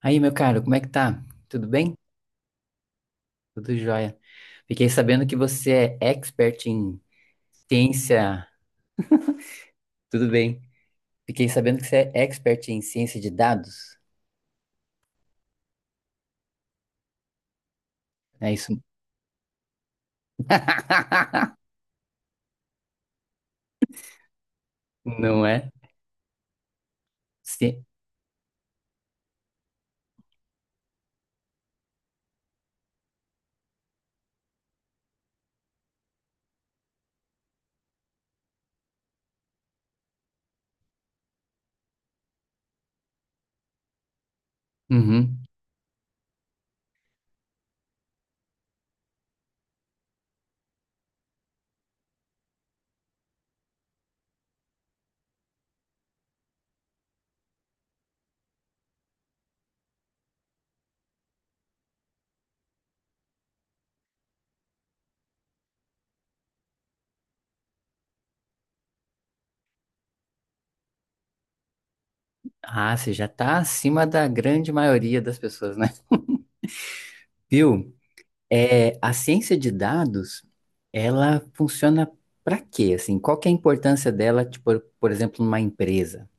Aí, meu caro, como é que tá? Tudo bem? Tudo jóia. Fiquei sabendo que você é expert em ciência. Tudo bem. Fiquei sabendo que você é expert em ciência de dados. É isso? Não é? Sim. Uhum. Ah, você já tá acima da grande maioria das pessoas, né? Viu? A ciência de dados, ela funciona pra quê? Assim, qual que é a importância dela, tipo, por exemplo, numa empresa?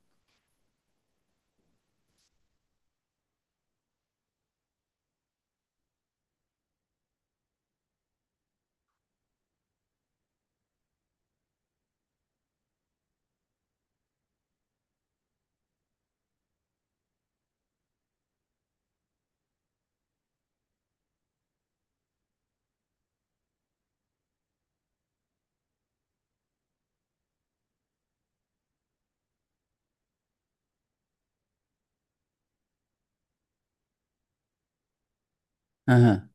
Aham.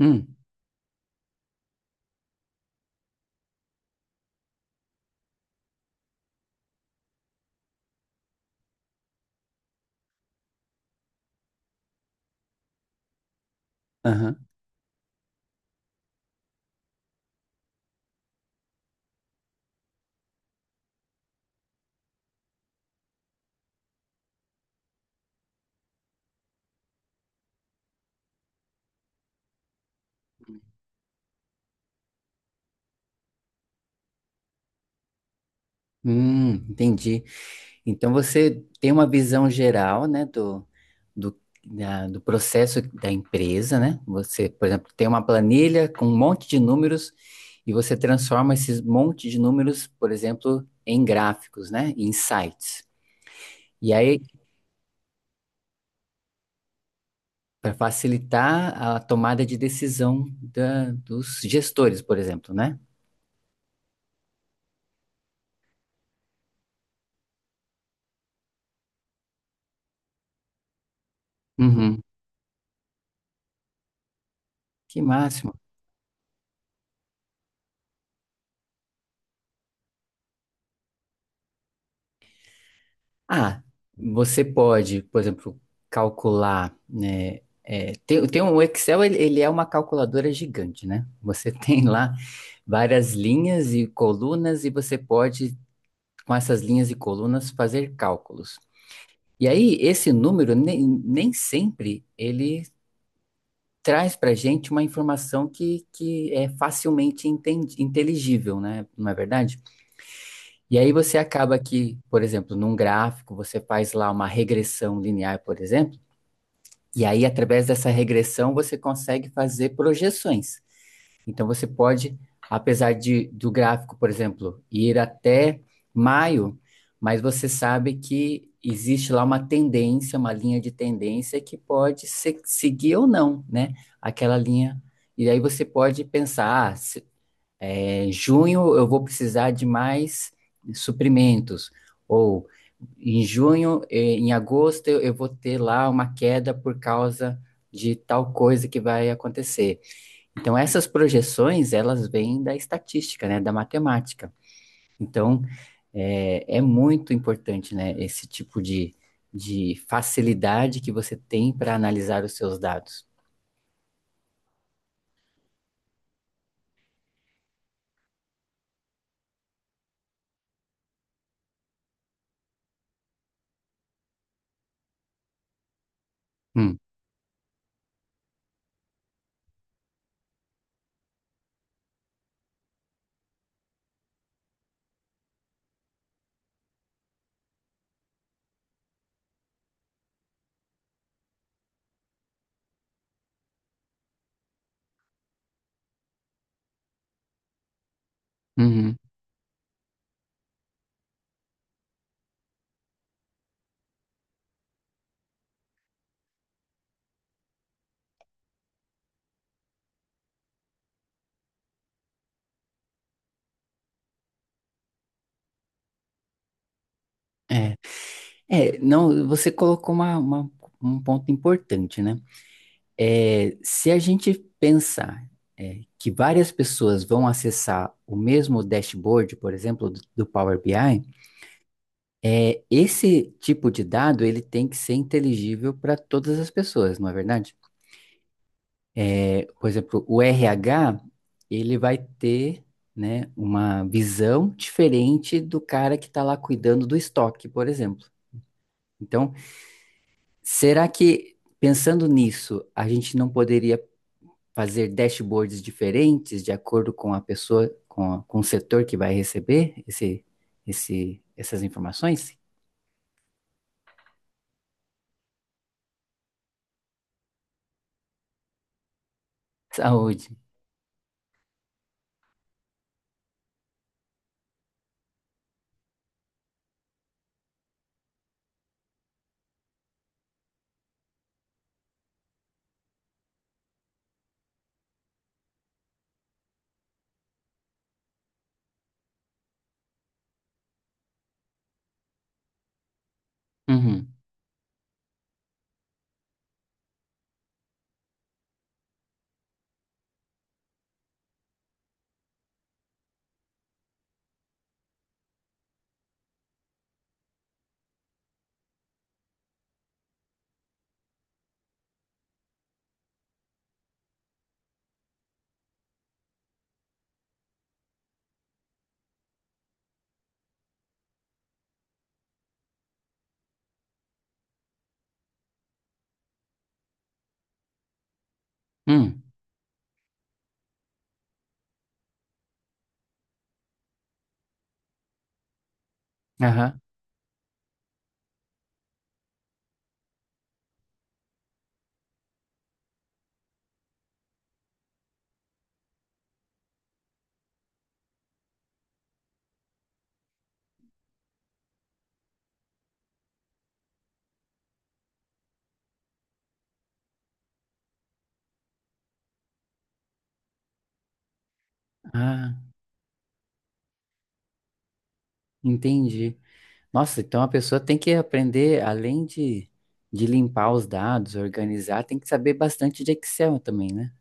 Hum. Aham. Entendi. Então você tem uma visão geral, né, do, do processo da empresa, né? Você, por exemplo, tem uma planilha com um monte de números e você transforma esses monte de números, por exemplo, em gráficos, né? Em sites. E aí, para facilitar a tomada de decisão da- dos gestores, por exemplo, né? Uhum. Que máximo. Ah, você pode, por exemplo, calcular, né? Tem o Excel, ele é uma calculadora gigante, né? Você tem lá várias linhas e colunas e você pode, com essas linhas e colunas, fazer cálculos. E aí, esse número, nem sempre ele traz para gente uma informação que é facilmente entendi- inteligível, né? Não é verdade? E aí você acaba que, por exemplo, num gráfico, você faz lá uma regressão linear, por exemplo, e aí através dessa regressão você consegue fazer projeções. Então você pode, apesar de do gráfico, por exemplo, ir até maio, mas você sabe que existe lá uma tendência, uma linha de tendência que pode se- seguir ou não, né? Aquela linha. E aí você pode pensar, ah, se- junho eu vou precisar de mais suprimentos, ou em junho, em agosto eu vou ter lá uma queda por causa de tal coisa que vai acontecer. Então essas projeções, elas vêm da estatística, né, da matemática. Então é muito importante, né, esse tipo de facilidade que você tem para analisar os seus dados. Hum, uhum, é. Não, você colocou uma- um ponto importante, né? É, se a gente pensar que várias pessoas vão acessar o mesmo dashboard, por exemplo, do Power BI, é, esse tipo de dado ele tem que ser inteligível para todas as pessoas, não é verdade? É, por exemplo, o RH ele vai ter né, uma visão diferente do cara que está lá cuidando do estoque, por exemplo. Então, será que pensando nisso, a gente não poderia fazer dashboards diferentes de acordo com a pessoa, com, a- com o setor que vai receber essas informações? Saúde. Uhum. Hum. Aham. Ah, entendi. Nossa, então a pessoa tem que aprender, além de limpar os dados, organizar, tem que saber bastante de Excel também, né?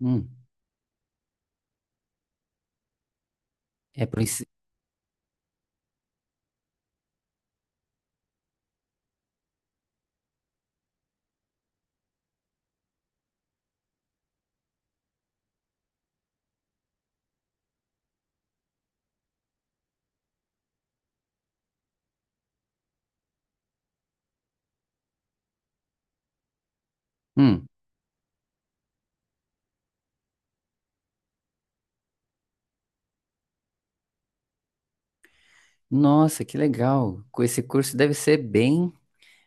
Hum. É por isso. Hum. Nossa, que legal. Com esse curso deve ser bem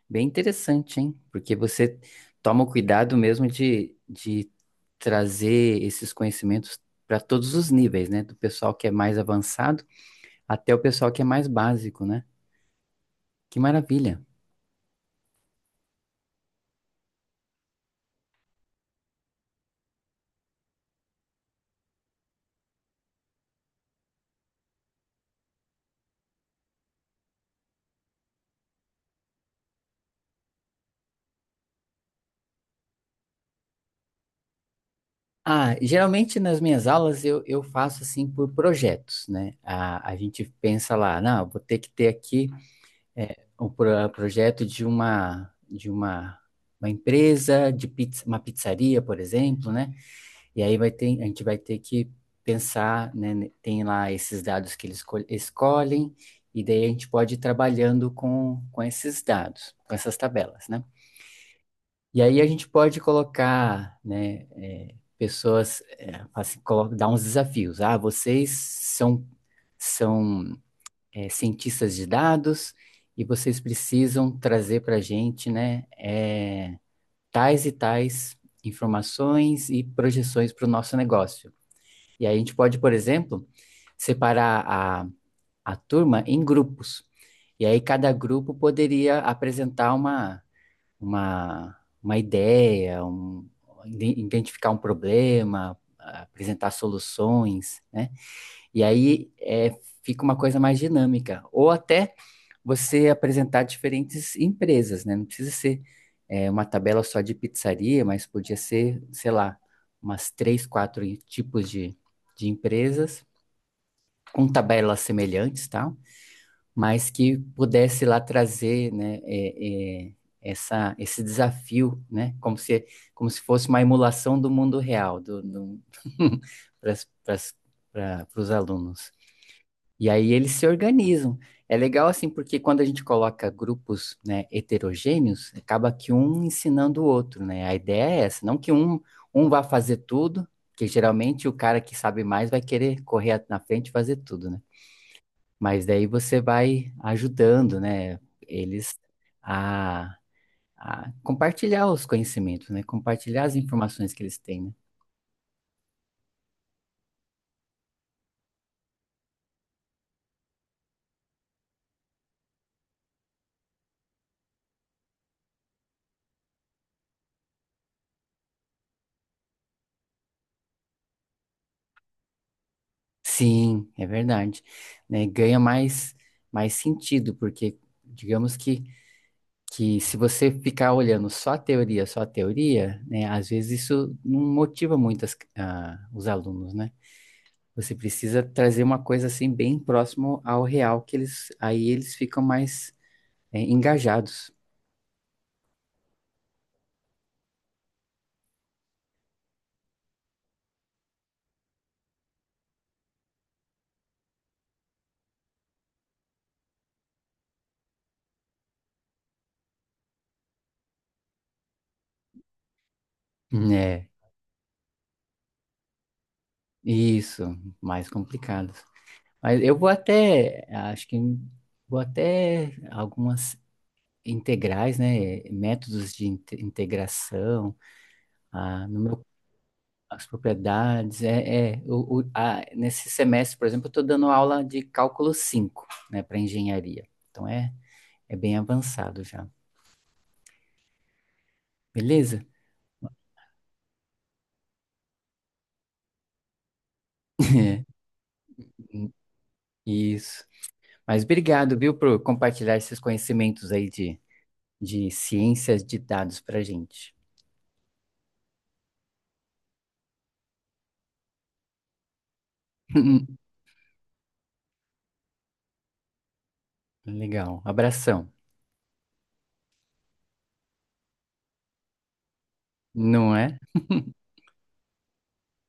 bem interessante, hein? Porque você toma o cuidado mesmo de trazer esses conhecimentos para todos os níveis, né? Do pessoal que é mais avançado até o pessoal que é mais básico, né? Que maravilha. Ah, geralmente nas minhas aulas eu faço assim por projetos, né? A gente pensa lá, não, vou ter que ter aqui um pro- projeto de uma empresa, de pizza, uma pizzaria, por exemplo, né? E aí vai ter, a gente vai ter que pensar, né? Tem lá esses dados que eles escolhem, e daí a gente pode ir trabalhando com esses dados, com essas tabelas, né? E aí a gente pode colocar, né, pessoas, assim, colo- dar uns desafios. Ah, vocês são cientistas de dados e vocês precisam trazer para a gente, né, tais e tais informações e projeções para o nosso negócio. E aí a gente pode, por exemplo, separar a turma em grupos. E aí cada grupo poderia apresentar uma, uma ideia, um, identificar um problema, apresentar soluções, né? E aí fica uma coisa mais dinâmica. Ou até você apresentar diferentes empresas, né? Não precisa ser uma tabela só de pizzaria, mas podia ser, sei lá, umas três, quatro tipos de empresas com tabelas semelhantes, tal, mas que pudesse lá trazer, né, essa, esse desafio, né, como se fosse uma emulação do mundo real, do para os alunos. E aí eles se organizam. É legal assim, porque quando a gente coloca grupos, né, heterogêneos, acaba que um ensinando o outro, né? A ideia é essa, não que um vá fazer tudo, que geralmente o cara que sabe mais vai querer correr na frente e fazer tudo, né? Mas daí você vai ajudando, né, eles a, a compartilhar os conhecimentos, né, compartilhar as informações que eles têm, né? Sim, é verdade, né? Ganha mais mais sentido, porque digamos que se você ficar olhando só a teoria, né, às vezes isso não motiva muito as- ah, os alunos, né? Você precisa trazer uma coisa assim bem próximo ao real que eles aí eles ficam mais engajados. Né. Isso, mais complicados. Mas eu vou até, acho que vou até algumas integrais, né? Métodos de inte- integração, ah, no meu, as propriedades. Nesse semestre, por exemplo, eu estou dando aula de cálculo 5, né, para engenharia. Então é bem avançado já. Beleza? Isso. Mas obrigado, viu, por compartilhar esses conhecimentos aí de ciências de dados para gente. Legal. Abração. Não é?